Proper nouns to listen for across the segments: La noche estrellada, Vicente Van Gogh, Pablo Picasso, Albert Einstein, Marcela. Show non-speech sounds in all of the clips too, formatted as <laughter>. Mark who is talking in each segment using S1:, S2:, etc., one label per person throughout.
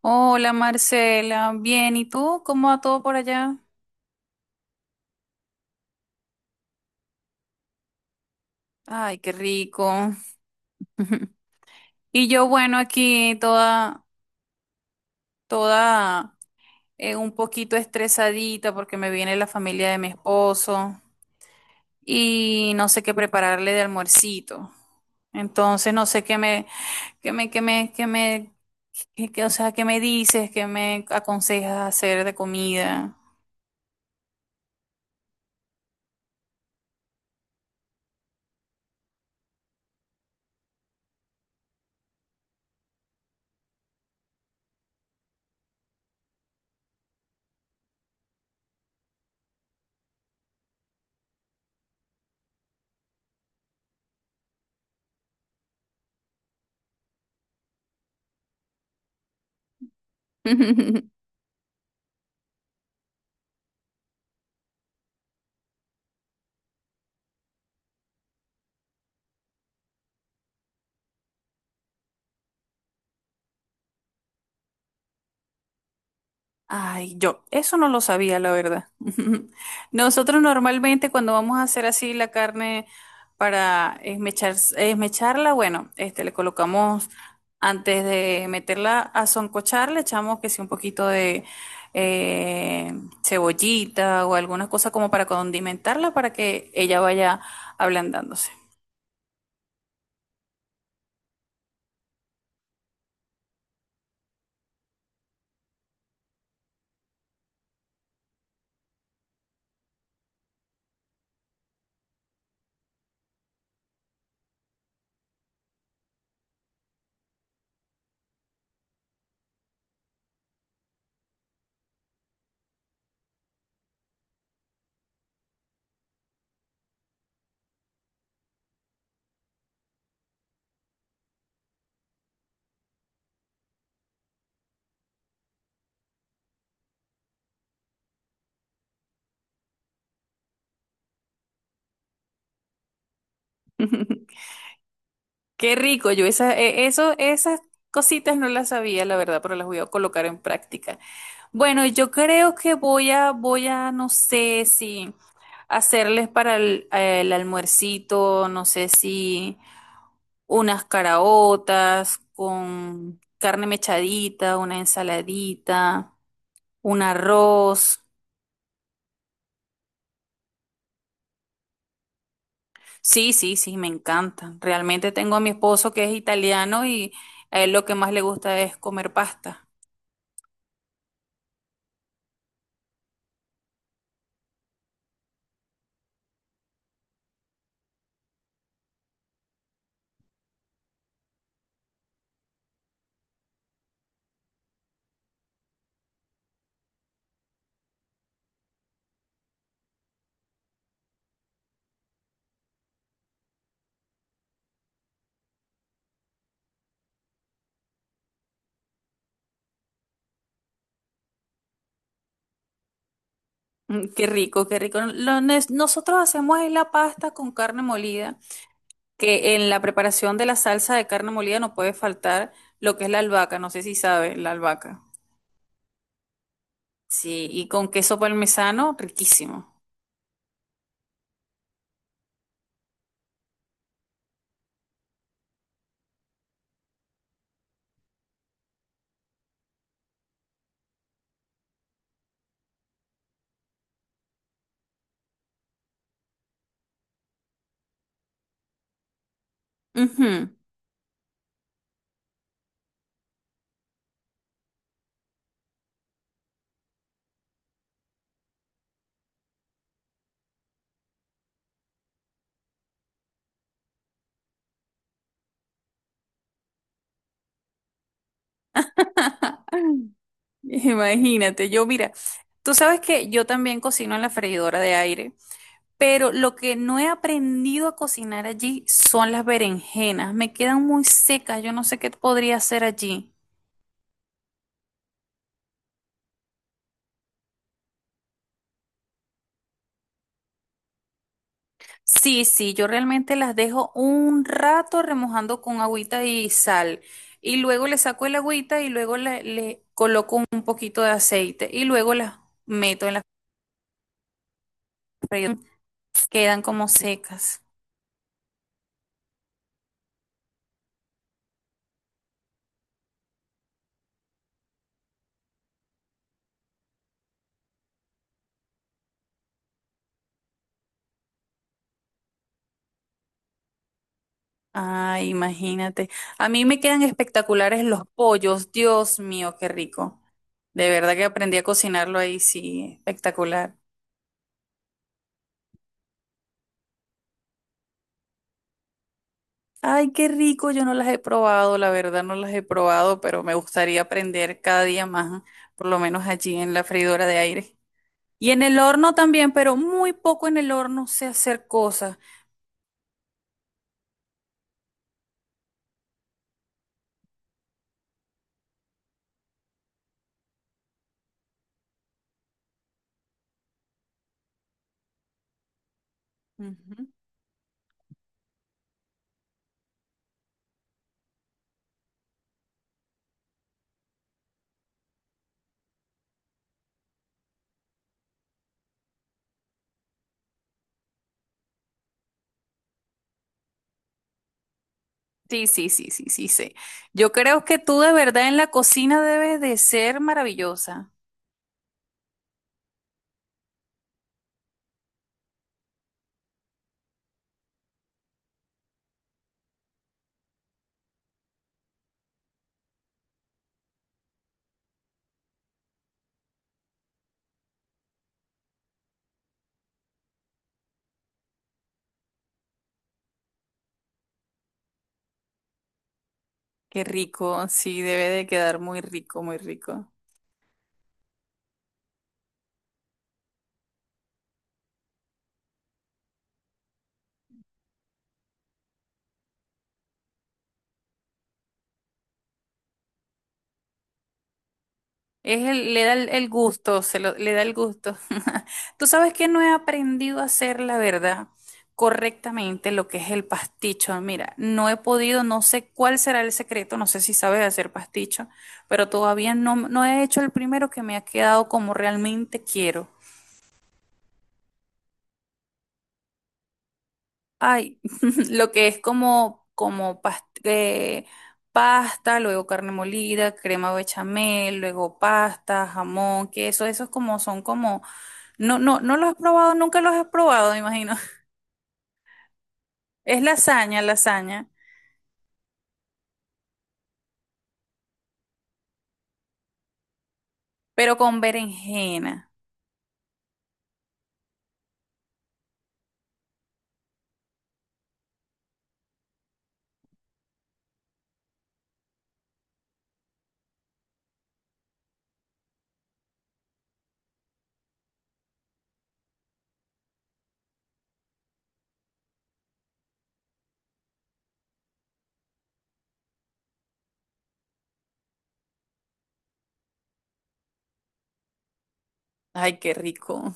S1: Hola Marcela, bien, ¿y tú? ¿Cómo va todo por allá? Ay, qué rico. <laughs> Y yo, bueno, aquí toda, toda, un poquito estresadita porque me viene la familia de mi esposo y no sé qué prepararle de almuercito. Entonces, no sé qué me, qué me, qué me, qué me, qué- qué- o sea, qué me dices, qué me aconsejas hacer de comida. <laughs> Ay, yo, eso no lo sabía, la verdad. <laughs> Nosotros normalmente cuando vamos a hacer así la carne para esmechar, esmecharla, bueno, este, le colocamos antes de meterla a soncochar, le echamos que sí un poquito de eh, cebollita o alguna cosa como para condimentarla para que ella vaya ablandándose. <laughs> Qué rico, yo esa, eso, esas cositas no las sabía, la verdad, pero las voy a colocar en práctica. Bueno, yo creo que voy a no sé si hacerles para el almuercito, no sé si unas caraotas con carne mechadita, una ensaladita, un arroz. Sí, sí, sí, me encanta. Realmente tengo a mi esposo que es italiano y a él lo que más le gusta es comer pasta. Mm, qué rico, qué rico. Lo nosotros hacemos es la pasta con carne molida, que en la preparación de la salsa de carne molida no puede faltar lo que es la albahaca, no sé si sabe, la albahaca. Sí, y con queso parmesano, riquísimo. Ujú. <laughs> Imagínate, yo mira, tú sabes que yo también cocino en la freidora de aire, pero lo que no he aprendido a cocinar allí son las berenjenas, me quedan muy secas, yo no sé qué podría hacer allí. Sí, sí, yo realmente las dejo un rato remojando con agüita y sal. Y luego le saco el agüita y luego le coloco un poquito de aceite. Y luego las meto en la freidora. Quedan como secas. Ay, imagínate. A mí me quedan espectaculares los pollos. Dios mío, qué rico. De verdad que aprendí a cocinarlo ahí, sí, espectacular. Ay, qué rico, yo no las he probado, la verdad no las he probado, pero me gustaría aprender cada día más, por lo menos allí en la freidora de aire. Y en el horno también, pero muy poco en el horno sé hacer cosas. Ujú. Sí, sí, sí, sí, sí, sí. Yo creo que tú de verdad en la cocina debes de ser maravillosa. Qué rico, sí, debe de quedar muy rico, muy rico. Le da el gusto, se lo, le da el gusto. <laughs> Tú sabes que no he aprendido a hacer, la verdad, correctamente lo que es el pasticho. Mira, no he podido, no sé cuál será el secreto, no sé si sabes hacer pasticho, pero todavía no, no he hecho el primero que me ha quedado como realmente quiero. Ay, <laughs> lo que es como, como pasta, luego carne molida, crema bechamel, luego pasta, jamón, queso, esos como son como, no, no, no los he probado, nunca los he probado, me imagino. <laughs> Es lasaña, lasaña, pero con berenjena. Ay, qué rico.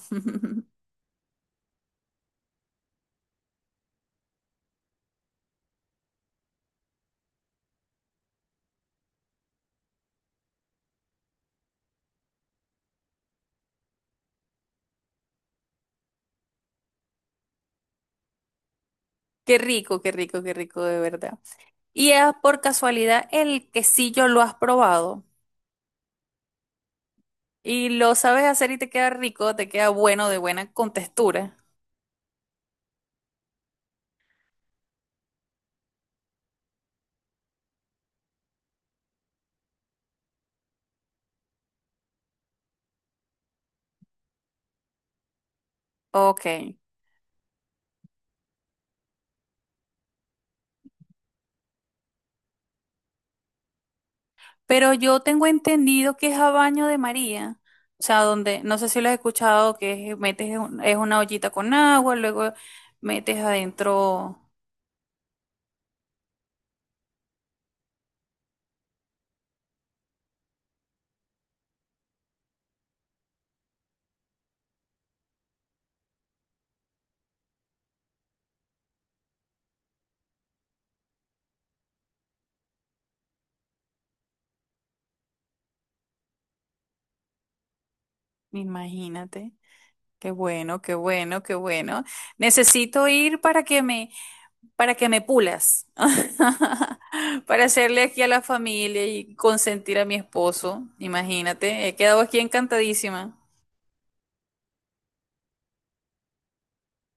S1: <laughs> Qué rico, qué rico, qué rico, de verdad. Y es por casualidad el quesillo lo has probado y lo sabes hacer y te queda rico, te queda bueno, de buena contextura. Ok. Pero yo tengo entendido que es a baño de María. O sea, donde, no sé si lo has escuchado, que es- metes, en un- es una ollita con agua, luego metes adentro, imagínate. Qué bueno, qué bueno, qué bueno. Necesito ir para que me pulas. <laughs> Para hacerle aquí a la familia y consentir a mi esposo. Imagínate, he quedado aquí encantadísima.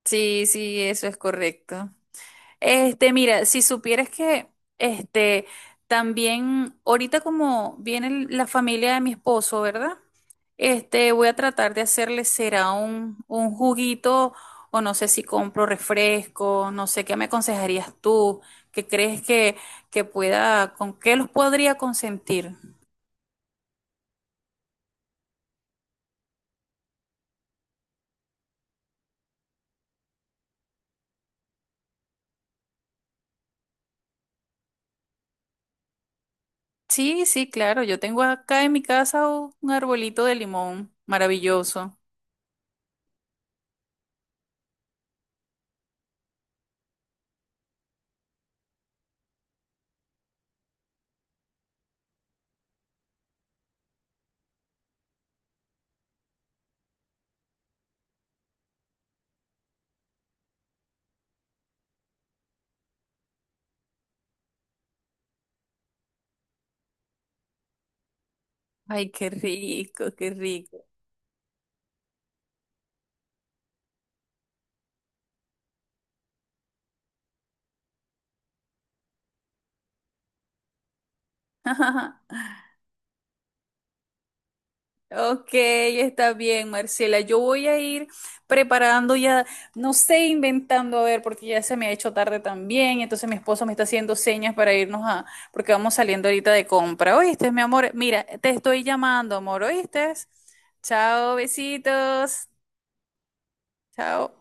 S1: Sí, sí, eso es correcto. Este, mira, si supieras que, este, también, ahorita como viene la familia de mi esposo, ¿verdad? Este, voy a tratar de hacerle, será un juguito, o no sé si compro refresco, no sé, ¿qué me aconsejarías tú? ¿Qué crees que pueda, con qué los podría consentir? Sí, sí, claro, yo tengo acá en mi casa un arbolito de limón maravilloso. Ay, qué rico, qué rico. <laughs> Ok, está bien, Marcela. Yo voy a ir preparando ya, no sé, inventando, a ver, porque ya se me ha hecho tarde también. Entonces mi esposo me está haciendo señas para irnos a, porque vamos saliendo ahorita de compra. ¿Oíste, mi amor? Mira, te estoy llamando, amor, ¿oíste? Chao, besitos. Chao.